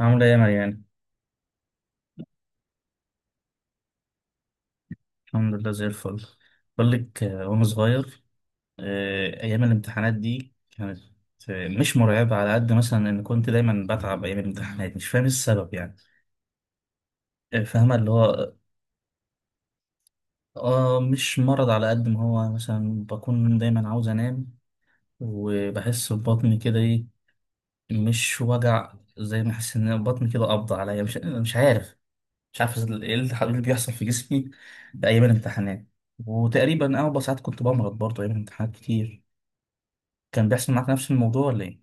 عاملة ايه يا مريان؟ الحمد لله زي الفل. بقول لك وانا صغير ايام الامتحانات دي كانت مش مرعبة على قد مثلا ان كنت دايما بتعب ايام الامتحانات، مش فاهم إيه السبب يعني. فاهمة اللي هو اه مش مرض على قد ما هو مثلا بكون دايما عاوز انام. وبحس ببطني كده ايه، مش وجع زي ما احس ان بطني كده قبض عليا. مش عارف، ايه التحول اللي بيحصل في جسمي ايام الامتحانات. وتقريبا اغلب ساعات كنت بمرض برضه ايام الامتحانات كتير. كان بيحصل معاك نفس الموضوع ولا ايه؟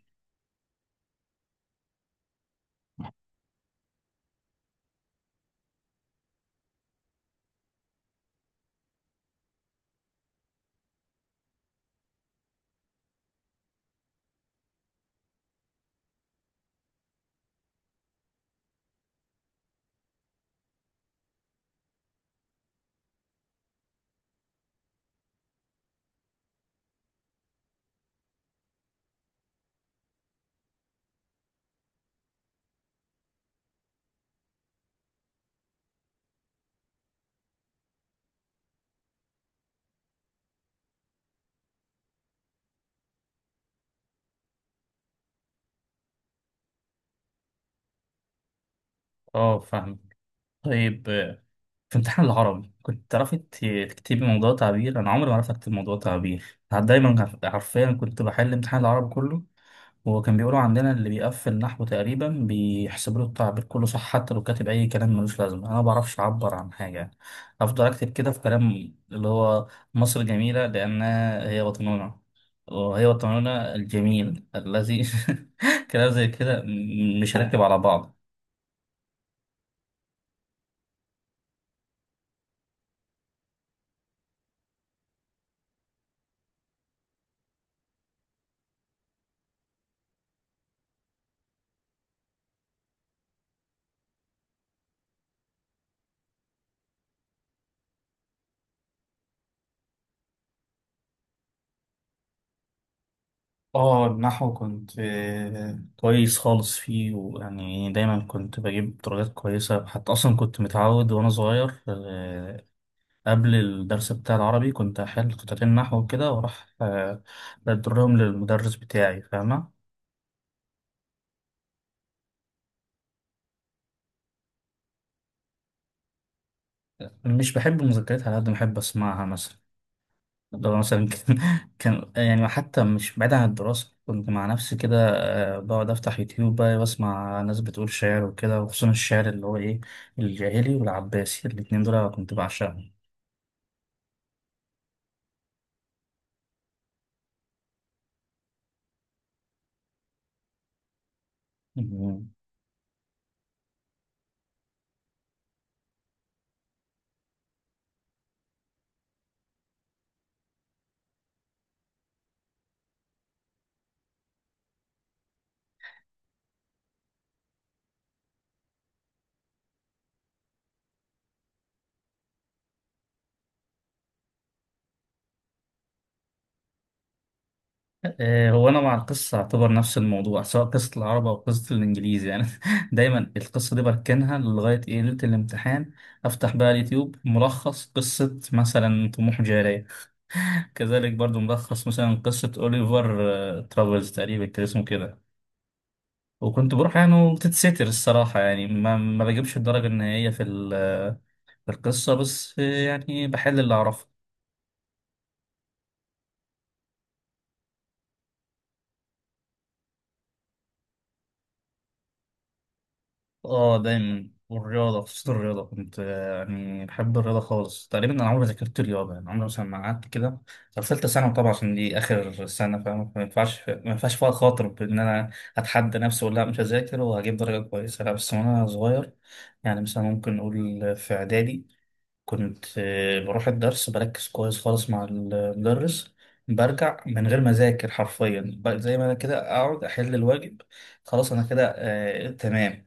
اه فاهم. طيب، في امتحان العربي كنت تعرفي تكتبي موضوع تعبير؟ انا عمري ما عرفت اكتب موضوع تعبير. حرفيا كنت بحل امتحان العربي كله. هو كان بيقولوا عندنا اللي بيقفل نحو تقريبا بيحسب له التعبير كله صح، حتى لو كاتب اي كلام ملوش لازمه. انا ما بعرفش اعبر عن حاجه يعني، افضل اكتب كده في كلام اللي هو مصر جميله لانها هي وطننا، وهي وطننا الجميل الذي كلام زي كده مش راكب على بعض. اه النحو كنت كويس خالص فيه، ويعني دايما كنت بجيب درجات كويسة. حتى أصلا كنت متعود وأنا صغير، قبل الدرس بتاع العربي كنت أحل قطعتين نحو وكده وأروح بدرهم للمدرس بتاعي، فاهمة؟ مش بحب المذكرات على قد ما بحب أسمعها مثلا. ده مثلا كان كان يعني حتى مش بعيد عن الدراسة، كنت مع نفسي كده بقعد أفتح يوتيوب بقى وأسمع ناس بتقول شعر وكده، وخصوصا الشعر اللي هو إيه الجاهلي والعباسي. الاتنين دول كنت بعشقهم. هو انا مع القصه اعتبر نفس الموضوع، سواء قصه العرب او قصه الانجليزي يعني دايما القصه دي بركنها لغايه ايه ليله الامتحان، افتح بقى اليوتيوب ملخص قصه مثلا طموح جاريه كذلك برضو ملخص مثلا قصه اوليفر ترافلز تقريبا كان اسمه كده. وكنت بروح يعني وبتتستر الصراحه، يعني ما بجيبش الدرجه النهائيه في في القصه، بس يعني بحل اللي اعرفه. اه دايما، والرياضة خصوصا الرياضة كنت يعني بحب الرياضة خالص. تقريبا أنا عمري ما ذاكرت رياضة، يعني عمري مثلا ما قعدت كده. طب ثالثة ثانوي طبعا عشان دي آخر سنة، فاهم؟ ما ينفعش فيها خاطر بإن أنا أتحدى نفسي وأقول لا مش هذاكر وهجيب درجة كويسة. لا بس وأنا صغير يعني، مثلا ممكن نقول في إعدادي كنت بروح الدرس بركز كويس خالص مع المدرس، برجع من غير ما أذاكر حرفيا، زي ما أنا كده أقعد أحل الواجب. خلاص أنا كده آه تمام،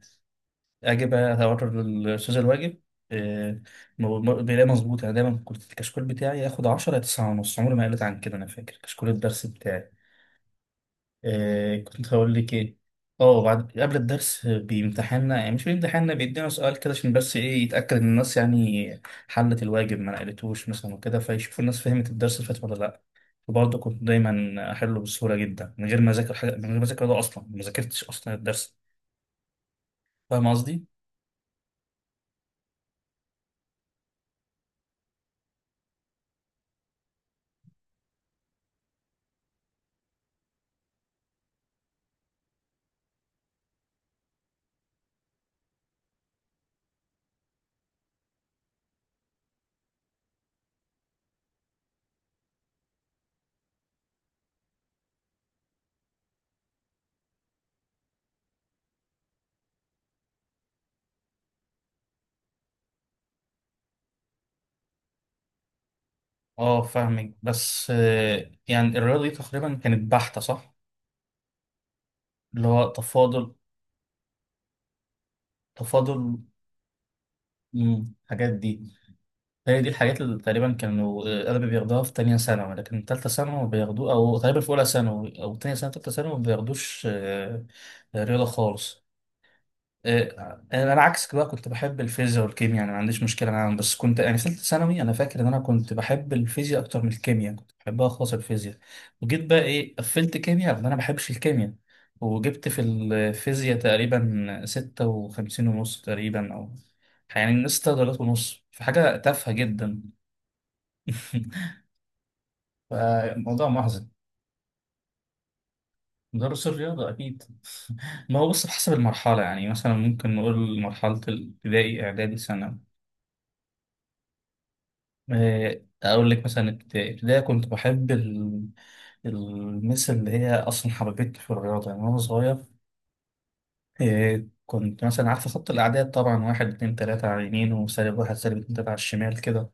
اجيب اوتر الاستاذ الواجب آه، بيلاقي مظبوط. انا دايما كنت الكشكول بتاعي ياخد 10 يا 9 ونص، عمري ما قلت عن كده. انا فاكر كشكول الدرس بتاعي، كنت هقول لك ايه؟ اه، بعد قبل الدرس بيمتحنا، يعني مش بيمتحنا، بيدينا سؤال كده عشان بس ايه يتاكد ان الناس يعني حلت الواجب، ما نقلتوش مثلا وكده، فيشوفوا الناس فهمت الدرس اللي فات ولا لا. وبرضه كنت دايما احله بسهوله جدا من غير ما اذاكر حاجه، من غير ما اذاكر، ده اصلا ما ذاكرتش اصلا الدرس، فاهم قصدي؟ اه فاهمك. بس يعني الرياضة دي تقريبا كانت بحتة، صح؟ اللي هو تفاضل. تفاضل، مم، الحاجات دي. هي دي الحاجات اللي تقريبا كانوا أغلب بياخدوها في تانية ثانوي، لكن تالتة ثانوي بياخدوه، أو تقريبا في أولى ثانوي أو تانية ثانوي، تالتة ثانوي ما بياخدوش رياضة خالص. انا عكسك بقى كنت بحب الفيزياء والكيمياء، يعني ما عنديش مشكله معاهم. بس كنت يعني في ثالثه ثانوي انا فاكر ان انا كنت بحب الفيزياء اكتر من الكيمياء، يعني كنت بحبها خالص الفيزياء. وجيت بقى ايه، قفلت كيمياء لان انا ما بحبش الكيمياء، وجبت في الفيزياء تقريبا ستة وخمسين ونص تقريبا، او يعني ستة درجات ونص في حاجه تافهه جدا. فالموضوع محزن. مدرس الرياضة أكيد. ما هو بص، بحسب المرحلة، يعني مثلا ممكن نقول مرحلة الابتدائي إعدادي ثانوي. أقول لك مثلا ابتدائي كنت بحب المس اللي هي أصلا حببتني في الرياضة يعني وأنا صغير. كنت مثلا عارفة خط الأعداد طبعا، واحد اتنين تلاتة على اليمين وسالب واحد سالب اتنين تلاتة على الشمال كده.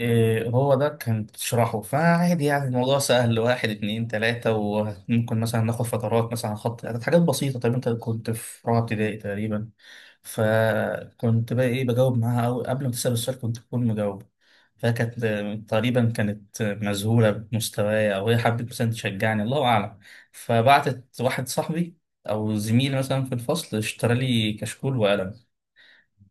هو ده كان تشرحه فعادي، يعني الموضوع سهل، واحد اتنين تلاتة، وممكن مثلا ناخد فترات مثلا على خط الأعداد، حاجات بسيطة. طب أنت كنت في رابعة ابتدائي تقريبا، فكنت بقى ايه بجاوب معاها، أو قبل ما تسأل السؤال كنت بكون مجاوبة. فكانت تقريبا كانت مذهولة بمستواي، أو هي حبت مثلا تشجعني، الله أعلم. فبعتت واحد صاحبي أو زميلي مثلا في الفصل اشترى لي كشكول وقلم.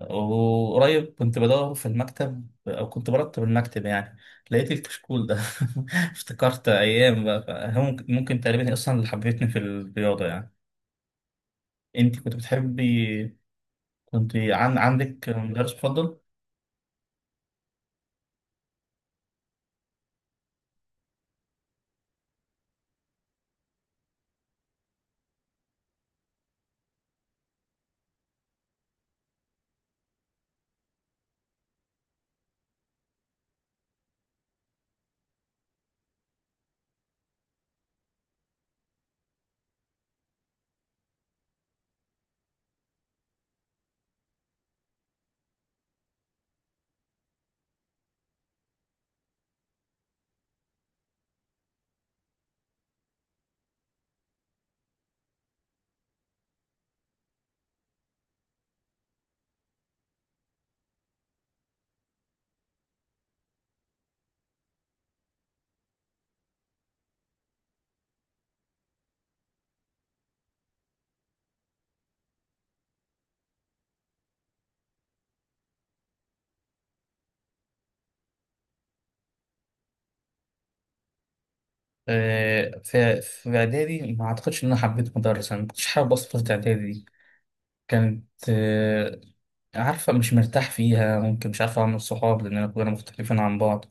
وقريب كنت بدور في المكتب أو كنت برتب المكتب يعني، لقيت الكشكول ده افتكرت أيام بقى. فهو ممكن تقريبا هي أصلا اللي حببتني في الرياضة يعني. أنت كنت بتحبي؟ كنت عندك مدرس مفضل؟ في إعدادي ما أعتقدش إن أنا حبيت مدرسة. أنا ما كنتش حابب أصلا فترة إعدادي دي، كانت عارفة مش مرتاح فيها، ممكن مش عارف أعمل صحاب لأن كلنا مختلفين عن بعض.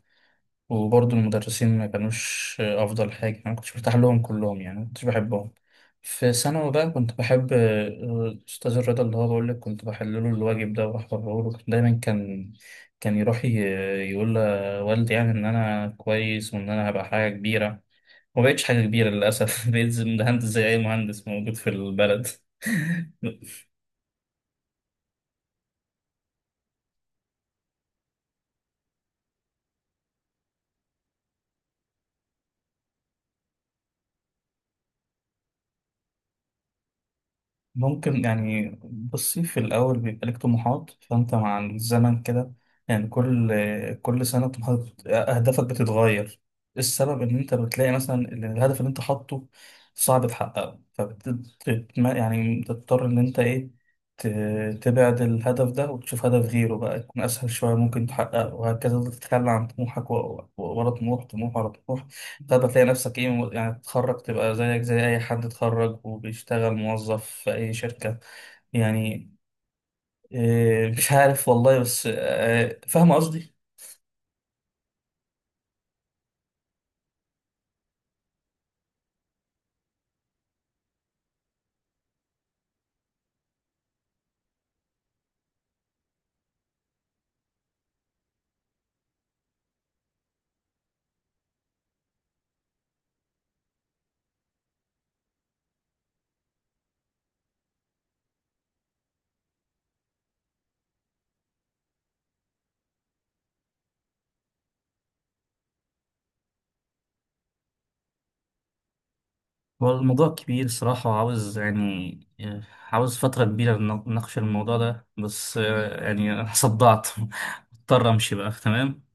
وبرضه المدرسين ما كانوش أفضل حاجة، أنا ما كنتش مرتاح لهم كلهم، يعني ما كنتش بحبهم. في ثانوي بقى كنت بحب الأستاذ الرضا، اللي هو بقول لك كنت بحل له الواجب ده وأحضره له. دايما كان يروح يقول لوالدي يعني إن أنا كويس وإن أنا هبقى حاجة كبيرة. ما بقتش حاجة كبيرة للأسف. بقيت مهندس زي أي مهندس موجود في البلد. ممكن يعني، بصي، في الأول بيبقى لك طموحات، فأنت مع الزمن كده يعني كل سنة طموحات، أهدافك بتتغير. السبب إن أنت بتلاقي مثلا إن الهدف اللي أنت حاطه صعب تحققه، يعني تضطر إن أنت إيه تبعد الهدف ده وتشوف هدف غيره بقى يكون أسهل شوية ممكن تحققه، وهكذا تفضل تتخلى عن طموحك ورا طموح، طموح ورا طموح. تقدر تلاقي نفسك ايه، يعني تتخرج تبقى زيك زي اي حد اتخرج وبيشتغل موظف في اي شركة، يعني إيه، مش عارف والله. بس فاهم قصدي. هو الموضوع كبير الصراحة وعاوز يعني آه، عاوز فترة كبيرة نناقش الموضوع ده. بس يعني أنا صدعت. مضطر أمشي بقى، تمام.